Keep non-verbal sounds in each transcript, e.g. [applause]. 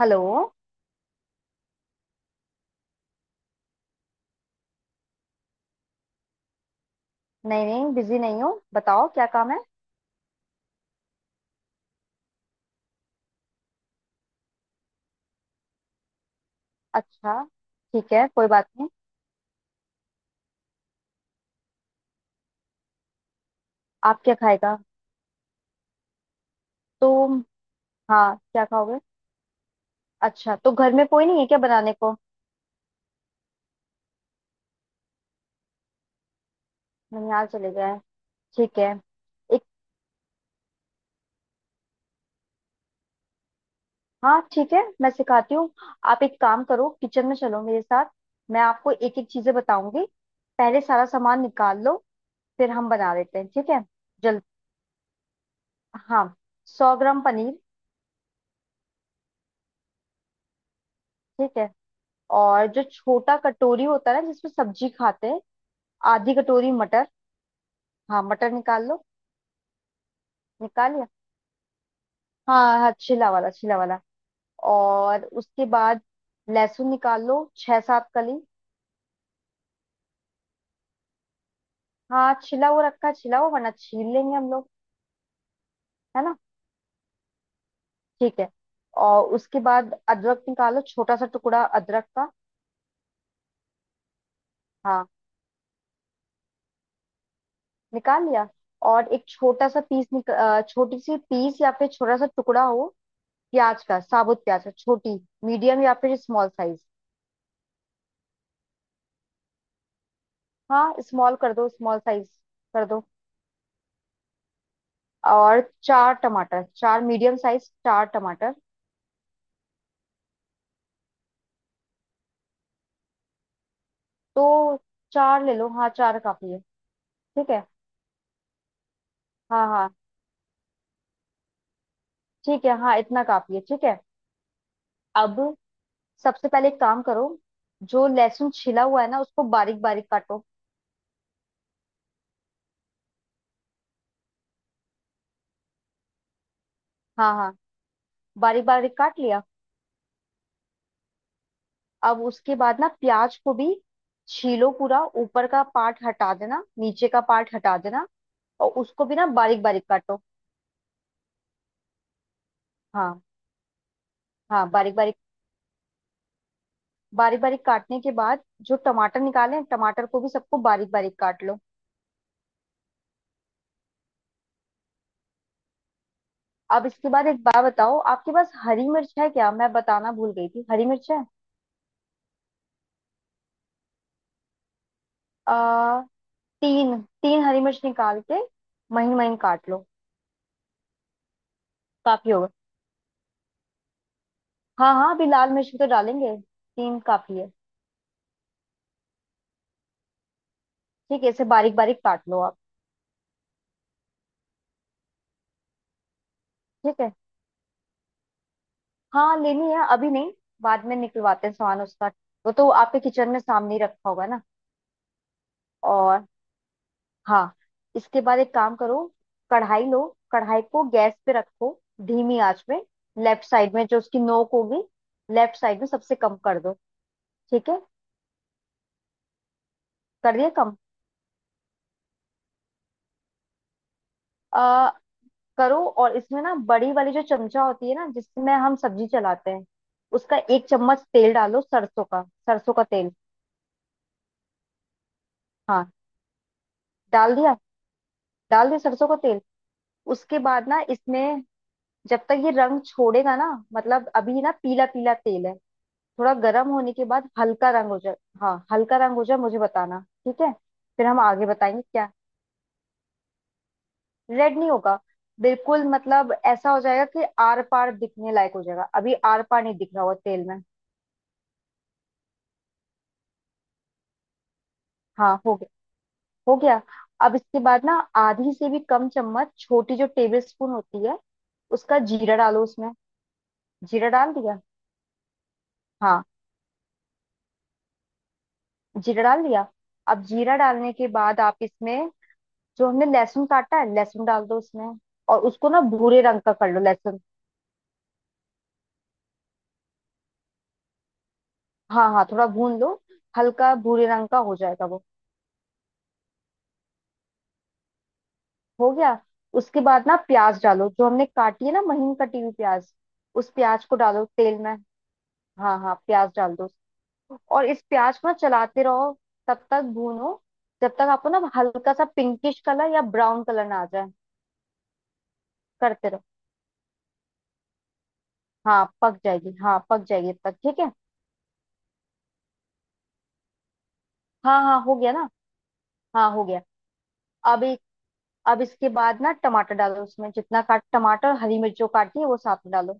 Hello. नहीं नहीं, busy नहीं हूँ, बताओ क्या काम है। अच्छा, ठीक है, कोई बात नहीं। आप क्या खाएगा। तो हाँ, क्या खाओगे। अच्छा, तो घर में कोई नहीं है क्या बनाने को। ननिहाल चले गए। ठीक है। एक हाँ ठीक है, मैं सिखाती हूँ। आप एक काम करो, किचन में चलो मेरे साथ। मैं आपको एक एक चीजें बताऊंगी। पहले सारा सामान निकाल लो, फिर हम बना लेते हैं, ठीक है। जल हाँ, 100 ग्राम पनीर। ठीक है। और जो छोटा कटोरी होता है ना, जिसमें सब्जी खाते हैं, आधी कटोरी मटर। हाँ मटर निकाल लो। निकाल लिया। हाँ हाँ, छिला वाला छिला वाला। और उसके बाद लहसुन निकाल लो, छह सात कली। हाँ छिला वो रखा है छिला हुआ, वरना छील लेंगे हम लोग। है ना। ठीक है। और उसके बाद अदरक निकालो, छोटा सा टुकड़ा अदरक का। हाँ निकाल लिया। और एक छोटा सा पीस छोटी सी पीस या फिर छोटा सा टुकड़ा हो, प्याज का, साबुत प्याज का, छोटी मीडियम या फिर स्मॉल साइज। हाँ स्मॉल कर दो, स्मॉल साइज कर दो। और चार टमाटर, चार मीडियम साइज चार टमाटर। तो चार ले लो, हाँ चार काफी है। ठीक है। हाँ हाँ ठीक है, हाँ इतना काफी है ठीक है। अब सबसे पहले एक काम करो, जो लहसुन छिला हुआ है ना, उसको बारीक बारीक काटो। हाँ हाँ, बारीक बारीक काट लिया। अब उसके बाद ना प्याज को भी छीलो, पूरा ऊपर का पार्ट हटा देना, नीचे का पार्ट हटा देना, और उसको भी ना बारीक बारीक काटो। हाँ हाँ, बारीक बारीक। बारीक बारीक काटने के बाद जो टमाटर निकाले हैं, टमाटर को भी सबको बारीक बारीक काट लो। अब इसके बाद एक बात बताओ, आपके पास हरी मिर्च है क्या? मैं बताना भूल गई थी, हरी मिर्च है। आ, तीन तीन हरी मिर्च निकाल के महीन महीन काट लो। काफी होगा। हाँ हाँ, अभी लाल मिर्च भी तो डालेंगे, तीन काफी है। ठीक है, इसे बारीक बारीक काट लो आप। ठीक है, हाँ लेनी है, अभी नहीं, बाद में निकलवाते हैं सामान उसका। वो तो आपके किचन में सामने ही रखा होगा ना। और हाँ, इसके बाद एक काम करो, कढ़ाई लो। कढ़ाई को गैस पे रखो, धीमी आंच में। लेफ्ट साइड में जो उसकी नोक होगी, लेफ्ट साइड में सबसे कम कर दो, ठीक है। कर दिया कम। आ, करो। और इसमें ना बड़ी वाली जो चमचा होती है ना, जिसमें हम सब्जी चलाते हैं, उसका एक चम्मच तेल डालो सरसों का। सरसों का तेल। हाँ डाल दिया। डाल दिया सरसों का तेल। उसके बाद ना इसमें, जब तक ये रंग छोड़ेगा ना, मतलब अभी ना पीला पीला तेल है, थोड़ा गर्म होने के बाद हल्का रंग हो जाए। हाँ हल्का रंग हो जाए, मुझे बताना ठीक है। फिर हम आगे बताएंगे क्या। रेड नहीं होगा। बिल्कुल, मतलब ऐसा हो जाएगा कि आर पार दिखने लायक हो जाएगा, अभी आर पार नहीं दिख रहा होगा तेल में। हाँ हो गया हो गया। अब इसके बाद ना आधी से भी कम चम्मच, छोटी जो टेबल स्पून होती है, उसका जीरा डालो उसमें। जीरा डाल दिया। हाँ जीरा डाल दिया। अब जीरा डालने के बाद आप इसमें, जो हमने लहसुन काटा है, लहसुन डाल दो उसमें, और उसको ना भूरे रंग का कर लो लहसुन। हाँ हाँ, थोड़ा भून लो। हल्का भूरे रंग का हो जाएगा वो। हो गया। उसके बाद ना प्याज डालो, जो हमने काटी है ना महीन कटी हुई प्याज, उस प्याज को डालो तेल में। हाँ हाँ, प्याज डाल दो। और इस प्याज को ना चलाते रहो, तब तक भूनो, जब तक आपको ना हल्का सा पिंकिश कलर या ब्राउन कलर ना आ जाए। करते रहो। हाँ पक जाएगी, हाँ पक जाएगी तब तक, ठीक है। हाँ हाँ, हो गया ना। हाँ हो गया। अब एक अब इसके बाद ना टमाटर डालो उसमें, जितना काट टमाटर हरी मिर्च जो काटी है वो साथ में डालो।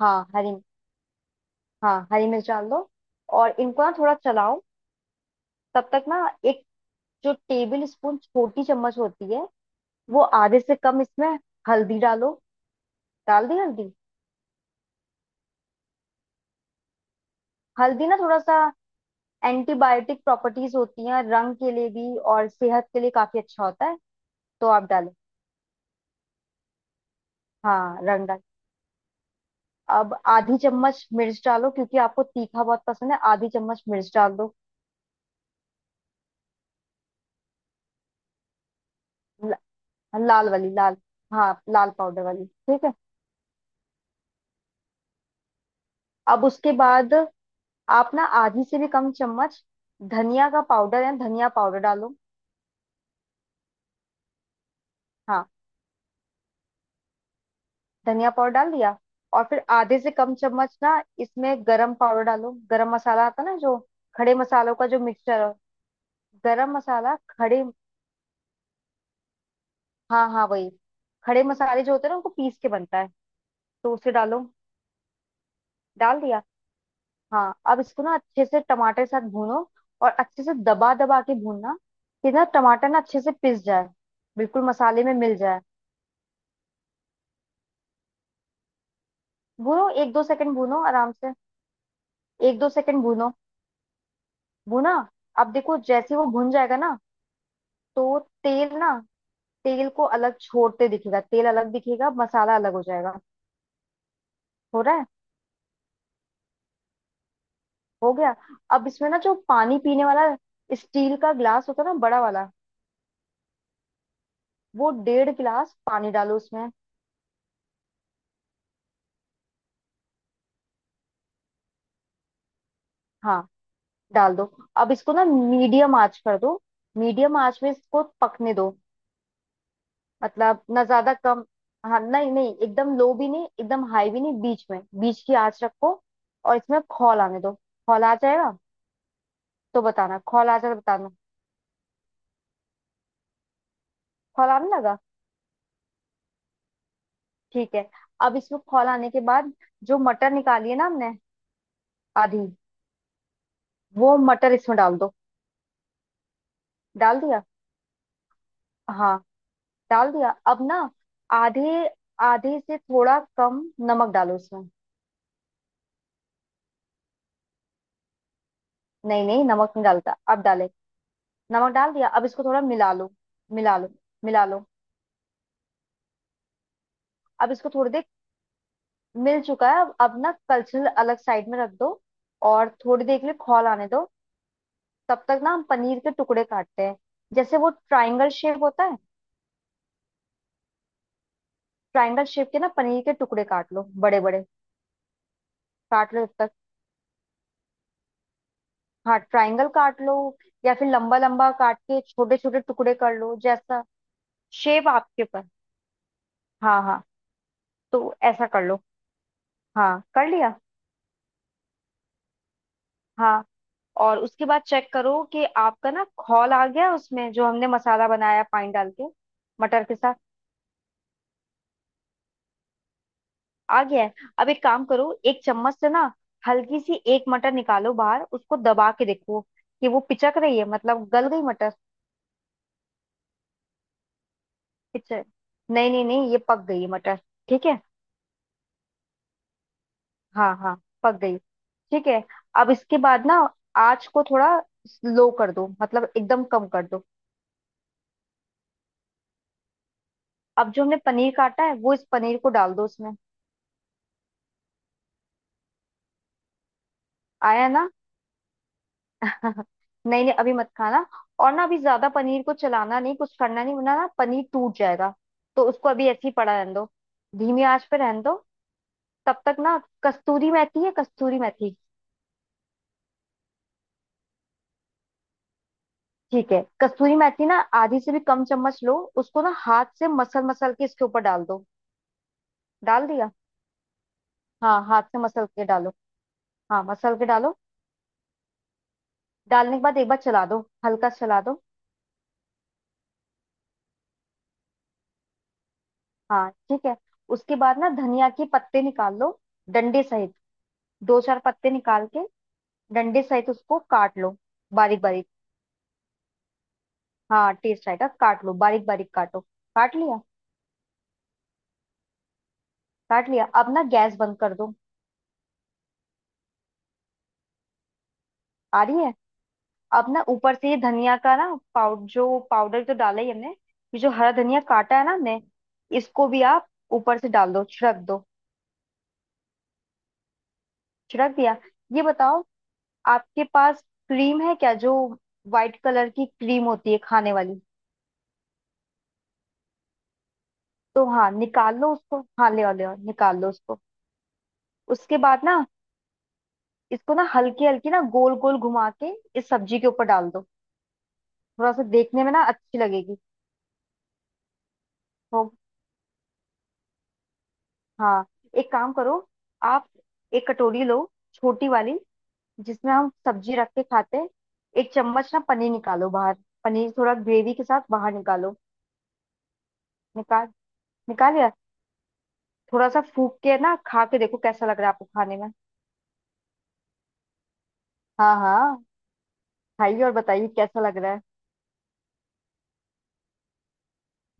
हाँ हरी हाँ हरी मिर्च डाल दो, और इनको ना थोड़ा चलाओ। तब तक ना, एक जो टेबल स्पून छोटी चम्मच होती है, वो आधे से कम इसमें हल्दी डालो। डाल दी हल्दी। हल्दी ना थोड़ा सा एंटीबायोटिक प्रॉपर्टीज होती हैं, रंग के लिए भी और सेहत के लिए काफी अच्छा होता है, तो आप डालो। हाँ रंग डाल। अब आधी चम्मच मिर्च डालो, क्योंकि आपको तीखा बहुत पसंद है, आधी चम्मच मिर्च डाल दो। ल- लाल वाली, लाल। हाँ लाल पाउडर वाली, ठीक है। अब उसके बाद आप ना आधी से भी कम चम्मच धनिया का पाउडर या धनिया पाउडर डालो। हाँ धनिया पाउडर डाल दिया। और फिर आधे से कम चम्मच ना इसमें गरम पाउडर डालो, गरम मसाला आता ना जो, खड़े मसालों का जो मिक्सचर हो, गरम मसाला खड़े। हाँ हाँ वही, खड़े मसाले जो होते हैं ना, उनको पीस के बनता है, तो उसे डालो। डाल दिया। हाँ अब इसको ना अच्छे से टमाटर के साथ भूनो, और अच्छे से दबा दबा के भूनना, कि ना टमाटर ना अच्छे से पिस जाए, बिल्कुल मसाले में मिल जाए। भूनो एक दो सेकंड, भूनो आराम से। एक दो सेकंड भूनो, भूना। अब देखो जैसे वो भुन जाएगा ना, तो तेल ना, तेल को अलग छोड़ते दिखेगा, तेल अलग दिखेगा मसाला अलग हो जाएगा। हो रहा है। हो गया। अब इसमें ना जो पानी पीने वाला स्टील का ग्लास होता है ना, बड़ा वाला, वो डेढ़ गिलास पानी डालो उसमें। हाँ डाल दो। अब इसको ना मीडियम आंच कर दो, मीडियम आंच में इसको पकने दो, मतलब ना ज्यादा कम। हाँ नहीं नहीं, एकदम लो भी नहीं, एकदम हाई भी नहीं, बीच में, बीच की आंच रखो। और इसमें आप खौल आने दो। खौल आ जाएगा तो बताना, खौल आ जाएगा तो बताना। खौल आने लगा, ठीक है। अब इसमें खौल आने के बाद जो मटर निकाली है ना हमने, आधी वो मटर इसमें डाल दो। डाल दिया। हाँ डाल दिया। अब ना आधे आधे से थोड़ा कम नमक डालो इसमें। नहीं नहीं, नमक नहीं डालता, अब डाले। नमक डाल दिया। अब इसको थोड़ा मिला लो। मिला लो, मिला लो। अब इसको थोड़ी देर, मिल चुका है अब ना कलछल अलग साइड में रख दो, और थोड़ी देर के लिए खौल आने दो। तब तक ना हम पनीर के टुकड़े काटते हैं, जैसे वो ट्रायंगल शेप होता है। ट्रायंगल शेप के ना पनीर के टुकड़े काट लो, बड़े बड़े काट लो। जब तक, हाँ ट्रायंगल काट लो, या फिर लंबा लंबा काट के छोटे छोटे टुकड़े कर लो, जैसा शेप आपके ऊपर। हाँ हाँ, तो ऐसा कर लो। हाँ कर लिया। हाँ और उसके बाद चेक करो कि आपका ना खौल आ गया उसमें, जो हमने मसाला बनाया पानी डाल के मटर के साथ। आ गया है। अब एक काम करो, एक चम्मच से ना हल्की सी एक मटर निकालो बाहर, उसको दबा के देखो कि वो पिचक रही है, मतलब गल गई मटर। पिचक नहीं नहीं नहीं, ये पक गई है मटर, ठीक है। हाँ हाँ पक गई, ठीक है। अब इसके बाद ना आँच को थोड़ा लो कर दो, मतलब एकदम कम कर दो। अब जो हमने पनीर काटा है, वो इस पनीर को डाल दो उसमें। आया ना। [laughs] नहीं नहीं, अभी मत खाना, और ना अभी ज्यादा पनीर को चलाना नहीं, कुछ करना नहीं, वरना ना पनीर टूट जाएगा। तो उसको अभी ऐसे ही पड़ा रहने दो, धीमी आंच पे रहने दो। तब तक ना, कस्तूरी मेथी है, कस्तूरी मेथी। ठीक है, कस्तूरी मेथी ना आधी से भी कम चम्मच लो, उसको ना हाथ से मसल मसल के इसके ऊपर डाल दो। डाल दिया। हाँ हाथ से मसल के डालो। हाँ मसल के डालो। डालने के बाद एक बार चला दो, हल्का चला दो। हाँ ठीक है। उसके बाद ना धनिया के पत्ते निकाल लो, डंडे सहित दो चार पत्ते निकाल के, डंडे सहित उसको काट लो बारीक बारीक। हाँ टेस्ट आएगा, काट लो, बारीक बारीक काटो। काट लिया। काट लिया अब ना गैस बंद कर दो। आ रही है। अब ना ऊपर से ये धनिया का ना पाउडर, जो पाउडर जो डाला ही हमने, ये जो हरा धनिया काटा है ना हमने, इसको भी आप ऊपर से डाल दो, छिड़क दो। छिड़क दिया। ये बताओ आपके पास क्रीम है क्या, जो व्हाइट कलर की क्रीम होती है खाने वाली। तो हाँ निकाल लो उसको, हाँ ले आओ ले आओ, निकाल लो उसको। उसके बाद ना इसको ना हल्की हल्की ना गोल गोल घुमा के इस सब्जी के ऊपर डाल दो, थोड़ा सा देखने में ना अच्छी लगेगी। हो हाँ, एक काम करो, आप एक कटोरी लो, छोटी वाली, जिसमें हम सब्जी रख के खाते हैं। एक चम्मच ना पनीर निकालो बाहर, पनीर थोड़ा ग्रेवी के साथ बाहर निकालो। निकाल निकाल लिया। थोड़ा सा फूक के ना खा के देखो, कैसा लग रहा है आपको खाने में। हाँ हाँ, खाइए और बताइए कैसा लग रहा है।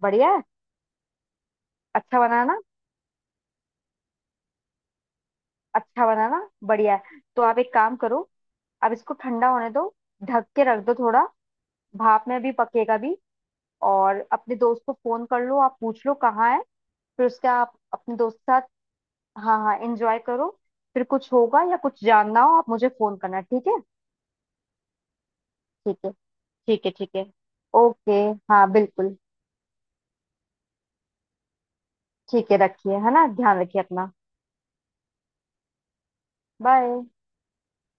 बढ़िया है, अच्छा बनाना, अच्छा बनाना बढ़िया है। तो आप एक काम करो, अब इसको ठंडा होने दो, ढक के रख दो थोड़ा, भाप में भी पकेगा भी। और अपने दोस्त को फोन कर लो, आप पूछ लो कहाँ है, फिर उसके आप अपने दोस्त के साथ। हाँ हाँ एंजॉय करो। फिर कुछ होगा या कुछ जानना हो आप मुझे फोन करना, ठीक है। ठीक है, ठीक है, ठीक है, ओके, हाँ बिल्कुल। ठीक है, रखिए, है ना, ध्यान रखिए अपना। बाय।